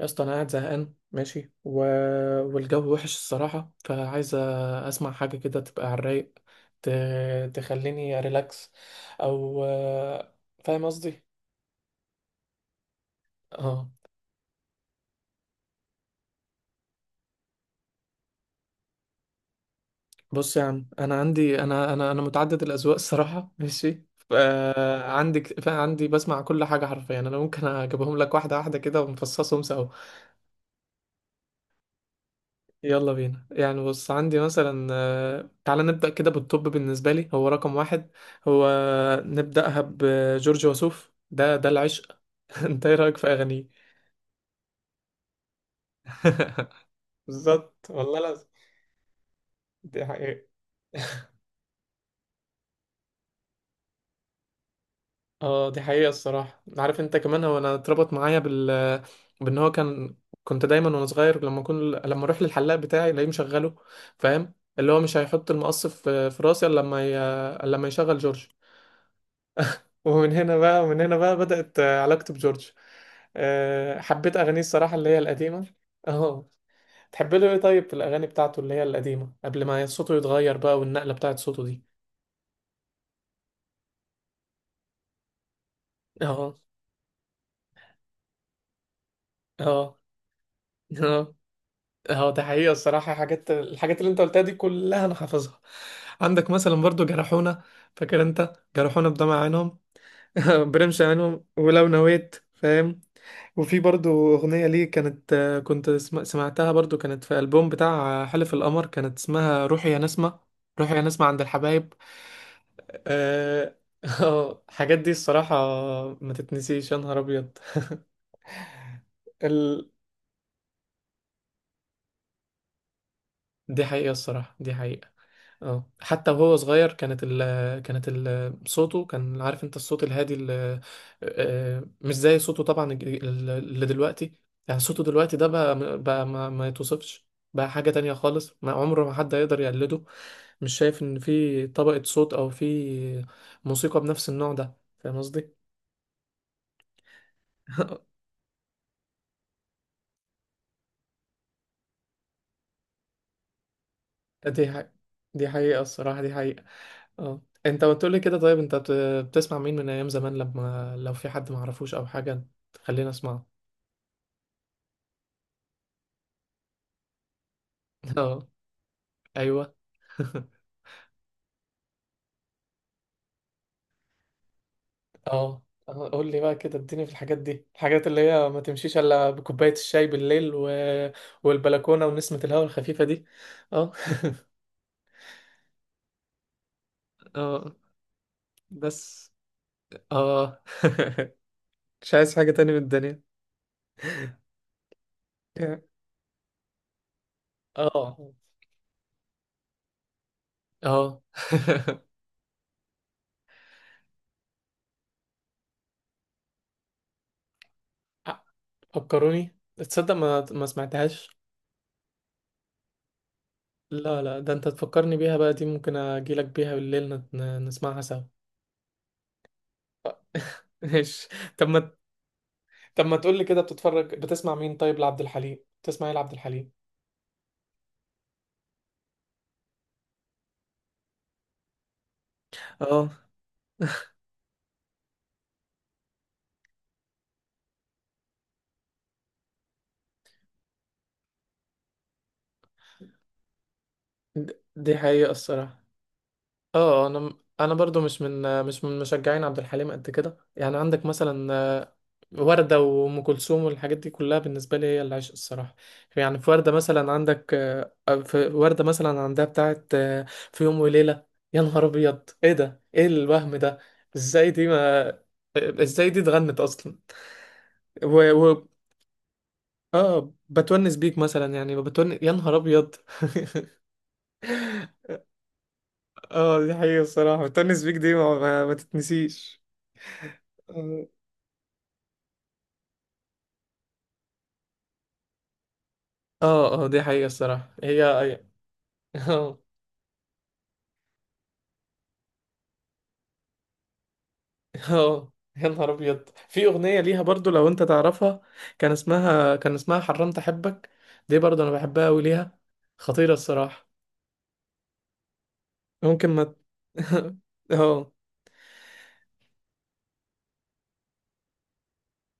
يا اسطى انا قاعد زهقان ماشي والجو وحش الصراحه، فعايز اسمع حاجه كده تبقى على الرايق، ت... تخليني ريلاكس. او فاهم قصدي. اه. بص يا عم، انا عندي انا انا انا متعدد الاذواق الصراحه ماشي. ف- عندي بسمع كل حاجه حرفيا، انا ممكن اجيبهم لك واحده واحده كده ومفصصهم سوا. يلا بينا. يعني بص، عندي مثلا تعالى نبدأ كده بالطب، بالنسبة لي هو رقم واحد. هو نبدأها بجورج وسوف، ده العشق. انت ايه رأيك في أغانيه؟ بالظبط والله، لازم. دي حقيقة. اه دي حقيقة الصراحة. عارف انت كمان، هو انا اتربط معايا بان هو كان. كنت دايما وانا صغير لما اروح للحلاق بتاعي الاقيه مشغله. فاهم، اللي هو مش هيحط المقص في راسي إلا لما يشغل جورج. ومن هنا بقى بدأت علاقتي بجورج. حبيت أغانيه الصراحة اللي هي القديمة اه. تحب له ايه طيب في الأغاني بتاعته اللي هي القديمة، قبل ما صوته يتغير بقى، والنقلة بتاعت صوته دي؟ اه. اه. اه. اه ده حقيقة الصراحة، حاجات الحاجات اللي انت قلتها دي كلها انا حافظها. عندك مثلا برضو جرحونا، فاكر انت جرحونا بدمع عينهم؟ برمش عينهم، ولو نويت، فاهم. وفي برضو أغنية ليه كانت، سمعتها برضو، كانت في ألبوم بتاع حلف القمر، كانت اسمها روحي يا نسمة. روحي يا نسمة عند الحبايب. اه الحاجات دي الصراحة، ما تتنسيش، يا نهار أبيض. ال... دي حقيقة الصراحة، دي حقيقة. اه حتى وهو صغير، كانت ال كانت ال صوته كان، عارف انت، الصوت الهادي ال آه، مش زي صوته طبعا، اللي دلوقتي. يعني صوته دلوقتي ده بقى، بقى ما, ما يتوصفش. بقى حاجة تانية خالص، ما عمره ما حد هيقدر يقلده. مش شايف ان في طبقة صوت، او في موسيقى بنفس النوع ده، فاهم قصدي؟ دي حقيقة. دي حقيقة الصراحة، دي حقيقة. اه انت بتقول لي كده طيب، بتسمع مين من ايام زمان؟ لما لو في حد ما اعرفوش او حاجة، تخلينا اسمعه. اه. ايوه. اه. قول لي بقى كده، اديني في الحاجات دي، الحاجات اللي هي ما تمشيش الا بكوبايه الشاي بالليل والبلكونه ونسمه الهواء الخفيفه دي. اه اه، بس اه مش عايز حاجه تاني من الدنيا. اه. اه. فكروني، تصدق ما سمعتهاش؟ لا لا، ده انت تفكرني بيها بقى، دي ممكن اجيلك بيها بالليل، نسمعها سوا. ماشي. طب ما طب ما تقول لي كده، بتتفرج، بتسمع مين طيب؟ لعبد الحليم، تسمع ايه لعبد الحليم؟ اه. دي حقيقة الصراحة. اه، انا برضو مش من مشجعين عبد الحليم قد كده. يعني عندك مثلا وردة وأم كلثوم والحاجات دي كلها، بالنسبة لي هي العشق الصراحة. يعني في وردة مثلا عندك في وردة مثلا عندها بتاعت في يوم وليلة. يا نهار أبيض، ايه ده، ايه الوهم ده؟ ازاي دي ما ازاي دي اتغنت اصلا؟ اه، بتونس بيك مثلا، يعني يا نهار ابيض اه دي حقيقة الصراحة، بتونس بيك دي ما تتنسيش. اه. اه دي حقيقة الصراحة، اه. اه يا نهار ابيض، في اغنية ليها برضو لو انت تعرفها، كان اسمها حرمت احبك. دي برضو انا بحبها قوي ليها، خطيرة الصراحة. ممكن ما اه.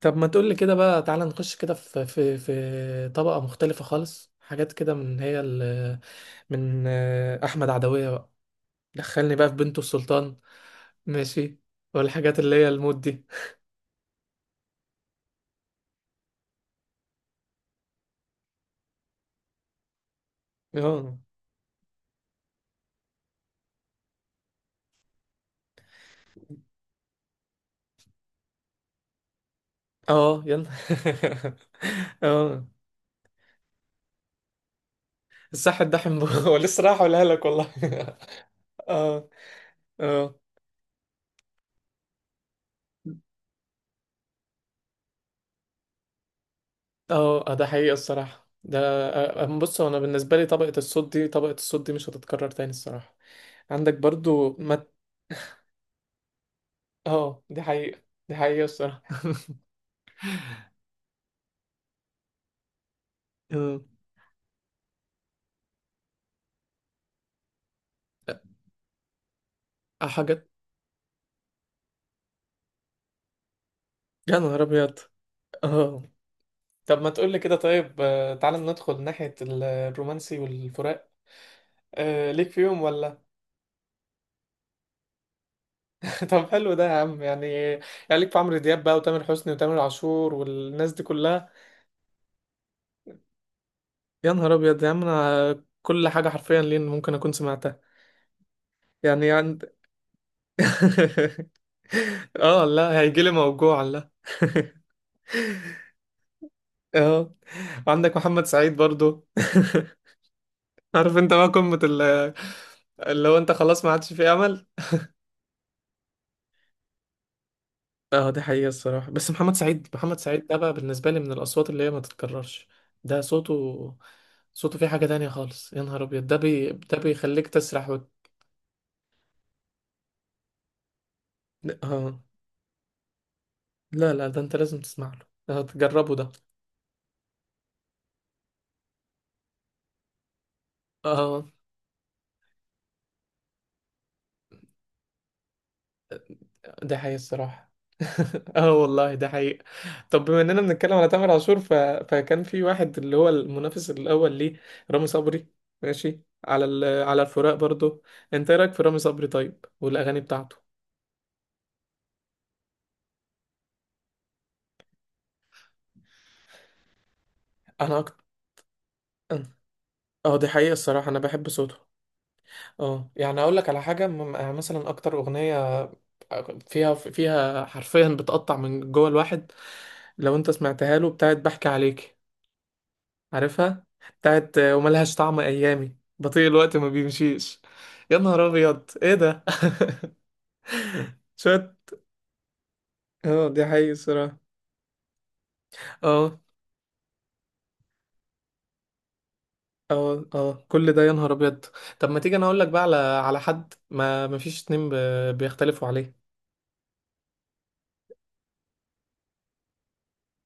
طب ما تقولي كده بقى، تعالى نخش كده في طبقة مختلفة خالص، حاجات كده من هي ال من أحمد عدوية بقى. دخلني بقى في بنته السلطان. ماشي. والحاجات اللي هي المود دي. اه. اه، يلا. اه، الصح الدحم هو لسه راح اقولها لك، والله اه. اه. اه ده حقيقة الصراحة ده. بص، هو انا بالنسبة لي طبقة الصوت دي، طبقة الصوت دي مش هتتكرر تاني الصراحة. عندك برضو ما. اه، دي حقيقة الصراحة. اه حاجات يا نهار أبيض. اه. طب ما تقول لي كده طيب، تعالى ندخل ناحية الرومانسي والفراق. أه ليك فيهم ولا؟ طب حلو ده يا عم يعني ليك في عمرو دياب بقى وتامر حسني وتامر عاشور والناس دي كلها. يا نهار أبيض يا عم، أنا كل حاجة حرفيا لين ممكن أكون سمعتها. يعني عند. اه لا، هيجيلي موجوع، لا اه، عندك محمد سعيد برضو عارف انت بقى قمة اللي هو، انت خلاص ما عادش فيه امل. اه دي حقيقة الصراحة. بس محمد سعيد، محمد سعيد ده بقى بالنسبة لي من الأصوات اللي هي ما تتكررش. ده صوته فيه حاجة تانية خالص، يا نهار أبيض، ده بيخليك تسرح اه. لا لا، ده انت لازم تسمع له، اه، تجربه ده. اه ده حقيقي الصراحة. اه والله ده حقيقي. طب بما اننا بنتكلم على تامر عاشور فكان في واحد اللي هو المنافس الاول ليه، رامي صبري، ماشي على على الفراق برضو. انت إيه رايك في رامي صبري طيب، والاغاني بتاعته؟ انا اكتر. اه دي حقيقة الصراحة، انا بحب صوته. اه، يعني اقول لك على حاجة، مثلا اكتر اغنية فيها حرفيا بتقطع من جوه الواحد لو انت سمعتها له، بتاعت بحكي عليكي، عارفها؟ بتاعت وملهاش طعم ايامي، بطيء الوقت ما بيمشيش. يا نهار ابيض ايه ده شوت. اه دي حقيقة الصراحة. اه. اه. اه كل ده يا نهار ابيض. طب ما تيجي انا اقول لك بقى على حد ما فيش اتنين بيختلفوا عليه.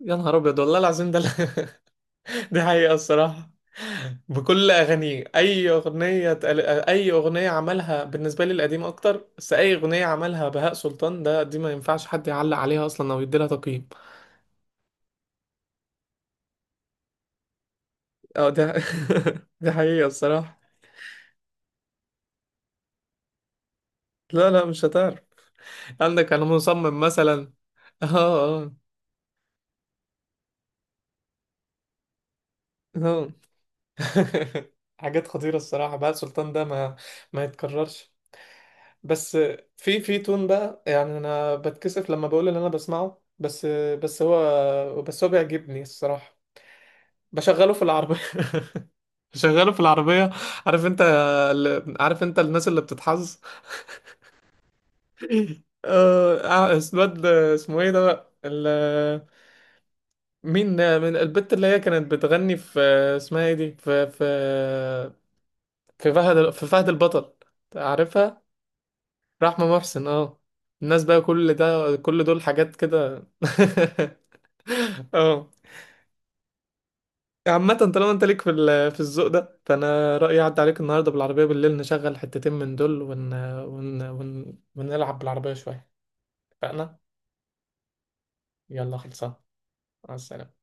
يا نهار ابيض والله العظيم، دي حقيقة الصراحة. بكل اغانيه، اي اغنية عملها، بالنسبة لي القديمة اكتر، بس اي اغنية عملها بهاء سلطان ده، دي ما ينفعش حد يعلق عليها اصلا او يديلها تقييم. اه ده ده حقيقة الصراحة. لا لا، مش هتعرف. عندك انا مصمم مثلا اه. اه. اه حاجات خطيرة الصراحة بقى، السلطان ده ما يتكررش. بس. في تون بقى، يعني انا بتكسف لما بقول اللي انا بسمعه، بس بس هو بيعجبني الصراحة. بشغله في العربية بشغله في العربية. عارف انت عارف انت الناس اللي بتتحظ اه اسمه، اسمه ايه ده بقى ال- مين ده؟ من البت اللي هي كانت بتغني في، اسمها ايه، دي في في فهد، في فهد البطل. عارفها؟ رحمة محسن، اه. الناس بقى، كل دول حاجات كده. اه. عامة طالما انت ليك في في الذوق ده، فانا رأيي اعدي عليك النهاردة بالعربية بالليل، نشغل حتتين من دول، ون ون ون ونلعب بالعربية شوية. اتفقنا. يلا خلصان. مع السلامة.